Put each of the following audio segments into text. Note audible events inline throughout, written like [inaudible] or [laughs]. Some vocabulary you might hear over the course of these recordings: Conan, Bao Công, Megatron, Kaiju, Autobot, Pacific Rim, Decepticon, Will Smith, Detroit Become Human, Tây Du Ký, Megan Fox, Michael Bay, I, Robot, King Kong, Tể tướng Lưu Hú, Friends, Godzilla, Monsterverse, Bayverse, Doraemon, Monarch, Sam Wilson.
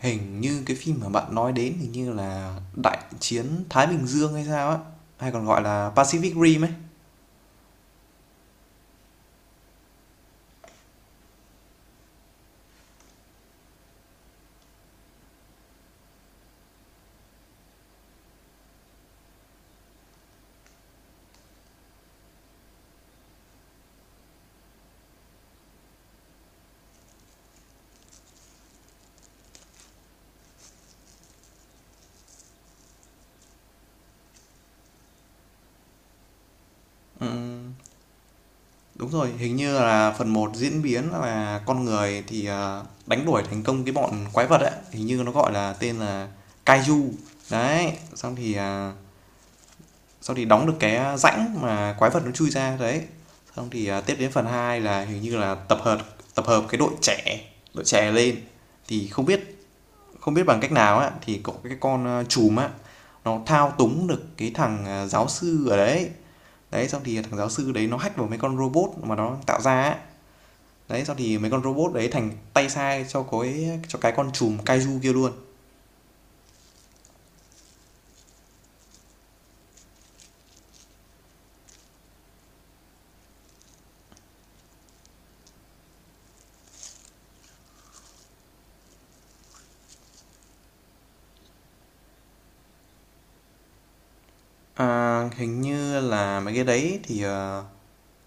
Hình như cái phim mà bạn nói đến hình như là Đại chiến Thái Bình Dương hay sao á, hay còn gọi là Pacific Rim ấy. Đúng rồi, hình như là phần một diễn biến là con người thì đánh đuổi thành công cái bọn quái vật ấy, hình như nó gọi là tên là Kaiju. Đấy, xong thì đóng được cái rãnh mà quái vật nó chui ra đấy. Xong thì tiếp đến phần 2 là hình như là tập hợp cái đội trẻ lên thì không biết bằng cách nào á, thì có cái con trùm á, nó thao túng được cái thằng giáo sư ở đấy. Đấy xong thì thằng giáo sư đấy nó hack vào mấy con robot mà nó tạo ra á. Đấy xong thì mấy con robot đấy thành tay sai cho cái con trùm kaiju kia luôn. À, hình như là mấy cái đấy thì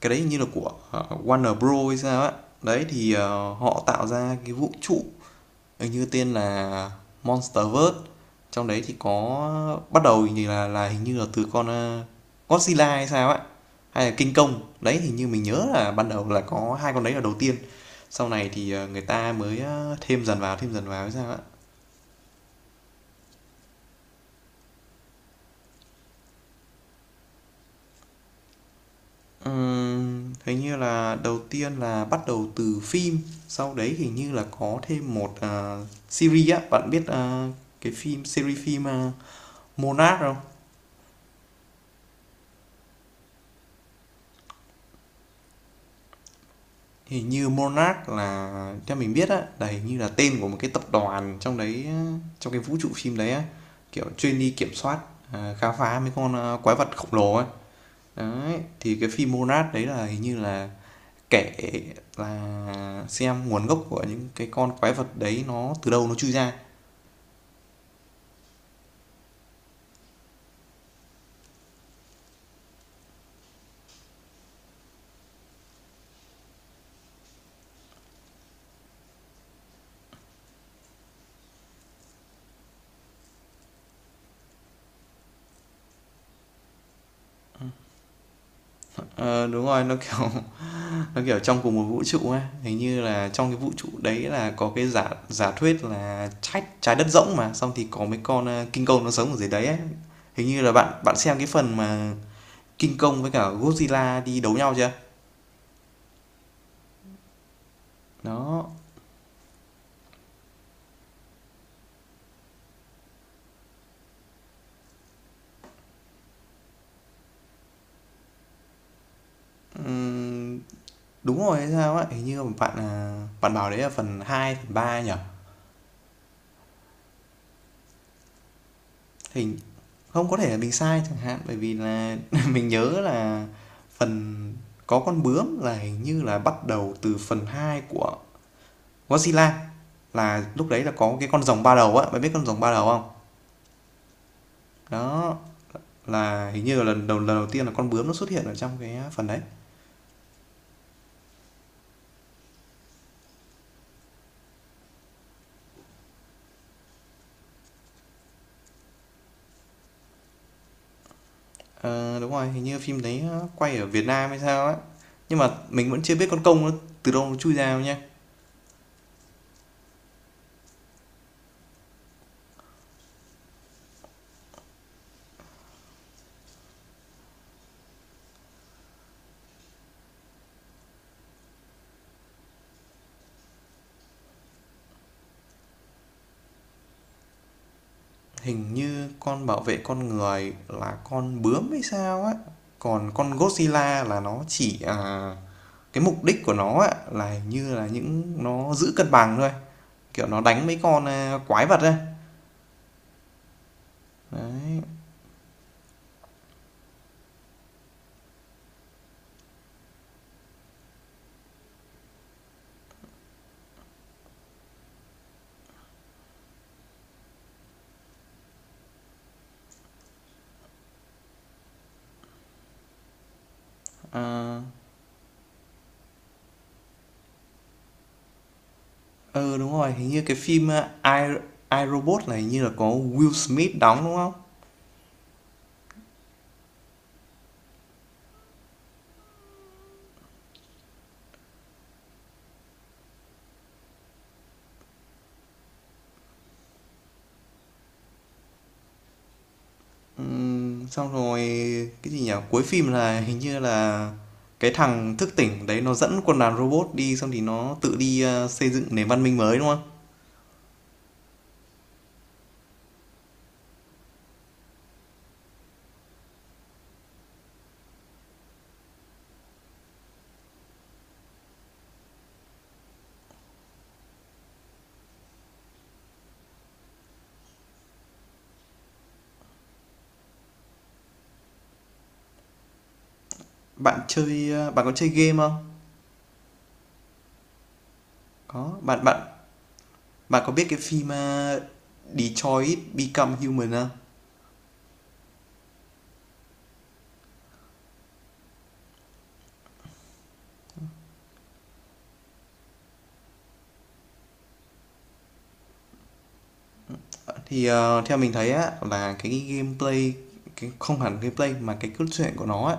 cái đấy hình như là của Warner Bros hay sao á. Đấy thì họ tạo ra cái vũ trụ, hình như tên là Monsterverse. Trong đấy thì có bắt đầu thì là hình như là từ con Godzilla hay sao ấy, hay là King Kong đấy. Hình như mình nhớ là ban đầu là có hai con đấy là đầu tiên, sau này thì người ta mới thêm dần vào hay sao ạ. Hình như là đầu tiên là bắt đầu từ phim, sau đấy hình như là có thêm một series á, bạn biết cái phim, Monarch không? Hình như Monarch là theo mình biết á, là hình như là tên của một cái tập đoàn trong cái vũ trụ phim đấy á, kiểu chuyên đi kiểm soát, khám phá mấy con quái vật khổng lồ ấy. Đấy, thì cái phim Monarch đấy là hình như là kể, là xem nguồn gốc của những cái con quái vật đấy nó từ đâu nó chui ra. Ờ, đúng rồi, nó kiểu trong cùng một vũ trụ ấy. Hình như là trong cái vũ trụ đấy là có cái giả giả thuyết là trái trái đất rỗng, mà xong thì có mấy con kinh công nó sống ở dưới đấy ấy. Hình như là bạn bạn xem cái phần mà kinh công với cả Godzilla đi đấu nhau chưa? Đó. Ừm, đúng rồi hay sao ấy, hình như bạn bảo đấy là phần hai, phần ba nhỉ. hình Không có thể là mình sai chẳng hạn, bởi vì là [laughs] mình nhớ là phần có con bướm là hình như là bắt đầu từ phần 2 của Godzilla, là lúc đấy là có cái con rồng ba đầu á, bạn biết con rồng ba đầu không? Đó là hình như là lần đầu tiên là con bướm nó xuất hiện ở trong cái phần đấy. Ờ, đúng rồi, hình như phim đấy quay ở Việt Nam hay sao á, nhưng mà mình vẫn chưa biết con công nó từ đâu nó chui ra đâu nha. Hình như con bảo vệ con người là con bướm hay sao á, còn con Godzilla là nó chỉ cái mục đích của nó á, là hình như là những nó giữ cân bằng thôi, kiểu nó đánh mấy con quái vật ấy. À, ờ, đúng rồi, hình như cái phim, I, I, Robot này hình như là có Will Smith đóng, đúng không? Xong rồi, cái gì nhỉ? Cuối phim là hình như là cái thằng thức tỉnh đấy nó dẫn quân đoàn robot đi, xong thì nó tự đi xây dựng nền văn minh mới đúng không? Bạn có chơi game không? Có, bạn bạn bạn có biết cái phim Detroit Become Human không? Thì theo mình thấy á là cái gameplay cái không hẳn gameplay mà cái cốt truyện của nó á.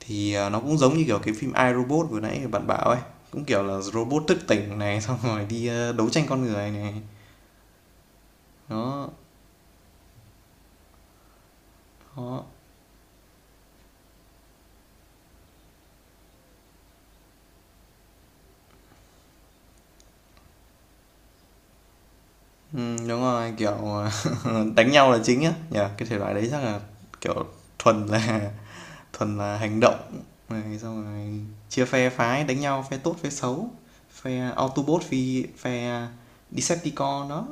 Thì, nó cũng giống như, kiểu, cái phim I, Robot vừa nãy bạn bảo ấy, cũng, kiểu là, robot thức tỉnh này, [laughs] xong rồi đi, đấu tranh con người này. Đó, đó, đúng rồi, kiểu, [laughs] đánh nhau là chính á nhỉ? Cái thể loại đấy chắc là, kiểu, thuần là [laughs] thuần là hành động này, xong rồi chia phe phái đánh nhau, phe tốt, phe xấu, phe Autobot phi phe Decepticon đó.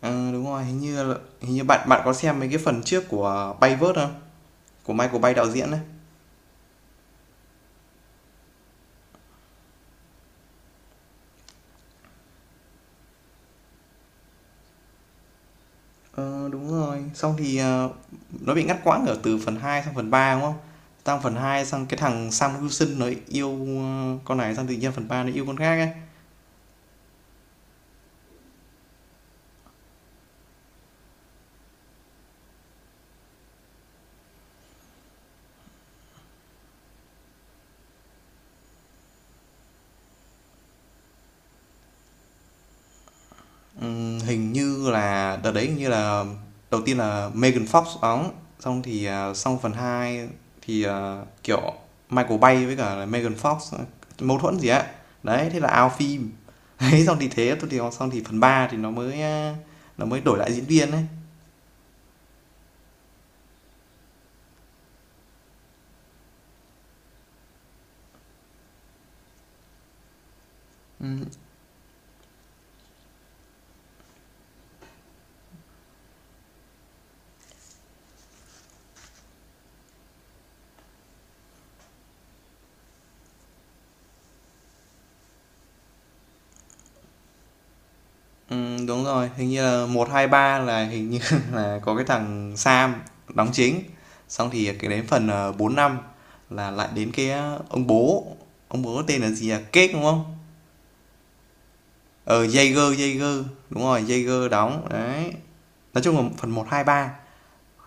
Ờ, đúng rồi, hình như bạn bạn có xem mấy cái phần trước của Bayverse không? Của Michael Bay đạo diễn đấy. Ờ, đúng rồi. Xong thì, nó bị ngắt quãng ở từ phần 2 sang phần 3 đúng không? Sang phần 2 sang cái thằng Sam Wilson nó yêu, ơ, con này, sang tự nhiên phần 3 nó yêu con khác ấy. Hình như là đợt đấy hình như là đầu tiên là Megan Fox đóng, xong thì, xong phần 2 thì, kiểu Michael Bay với cả là Megan Fox mâu thuẫn gì á. Đấy, thế là out phim. [laughs] Đấy, xong thì thế, xong thì phần 3 thì nó mới đổi lại diễn viên ấy. Đúng rồi, hình như là 1, 2, 3 là hình như [laughs] là có cái thằng Sam đóng chính. Xong thì cái đến phần, 4, 5 là lại đến cái, ông bố tên là gì, Cake, đúng không? Ờ, Jaeger, đúng rồi, Jaeger đóng, đấy. Nói chung là phần một 2 ba,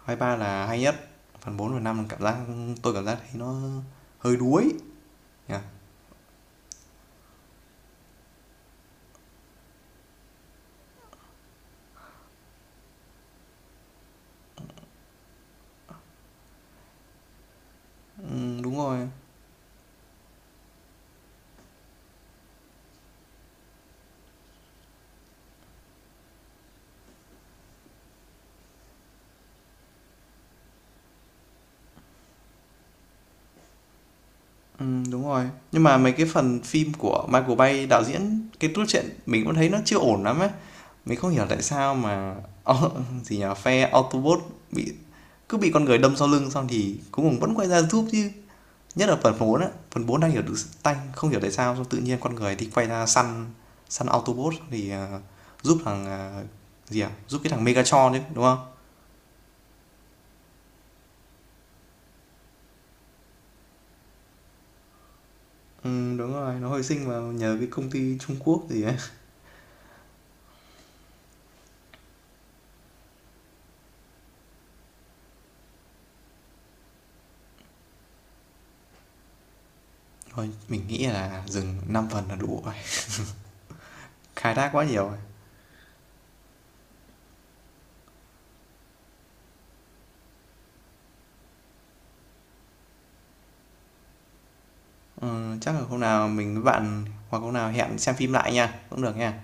2 3 là hay nhất. Phần 4 và 5, cảm giác tôi cảm giác thấy nó hơi đuối nhỉ? Đúng rồi. Đúng rồi. Nhưng mà mấy cái phần phim của Michael Bay đạo diễn, cái cốt truyện mình cũng thấy nó chưa ổn lắm ấy. Mình không hiểu tại sao mà au- [laughs] gì nhỉ, phe Autobot bị cứ bị con người đâm sau lưng, xong thì cuối cùng vẫn quay ra giúp chứ. Nhất là phần 4 á, phần 4 đang hiểu được tanh, không hiểu tại sao xong tự nhiên con người thì quay ra săn săn Autobot, thì giúp thằng ờ, gì à, giúp cái thằng Megatron đấy, đúng không? Ừ, đúng rồi, nó hồi sinh vào nhờ cái công ty Trung Quốc gì ấy. Thôi, mình nghĩ là dừng 5 phần là đủ rồi. Khai thác quá nhiều rồi. Ờ, chắc là hôm nào mình với bạn hoặc hôm nào hẹn xem phim lại nha, cũng được nha.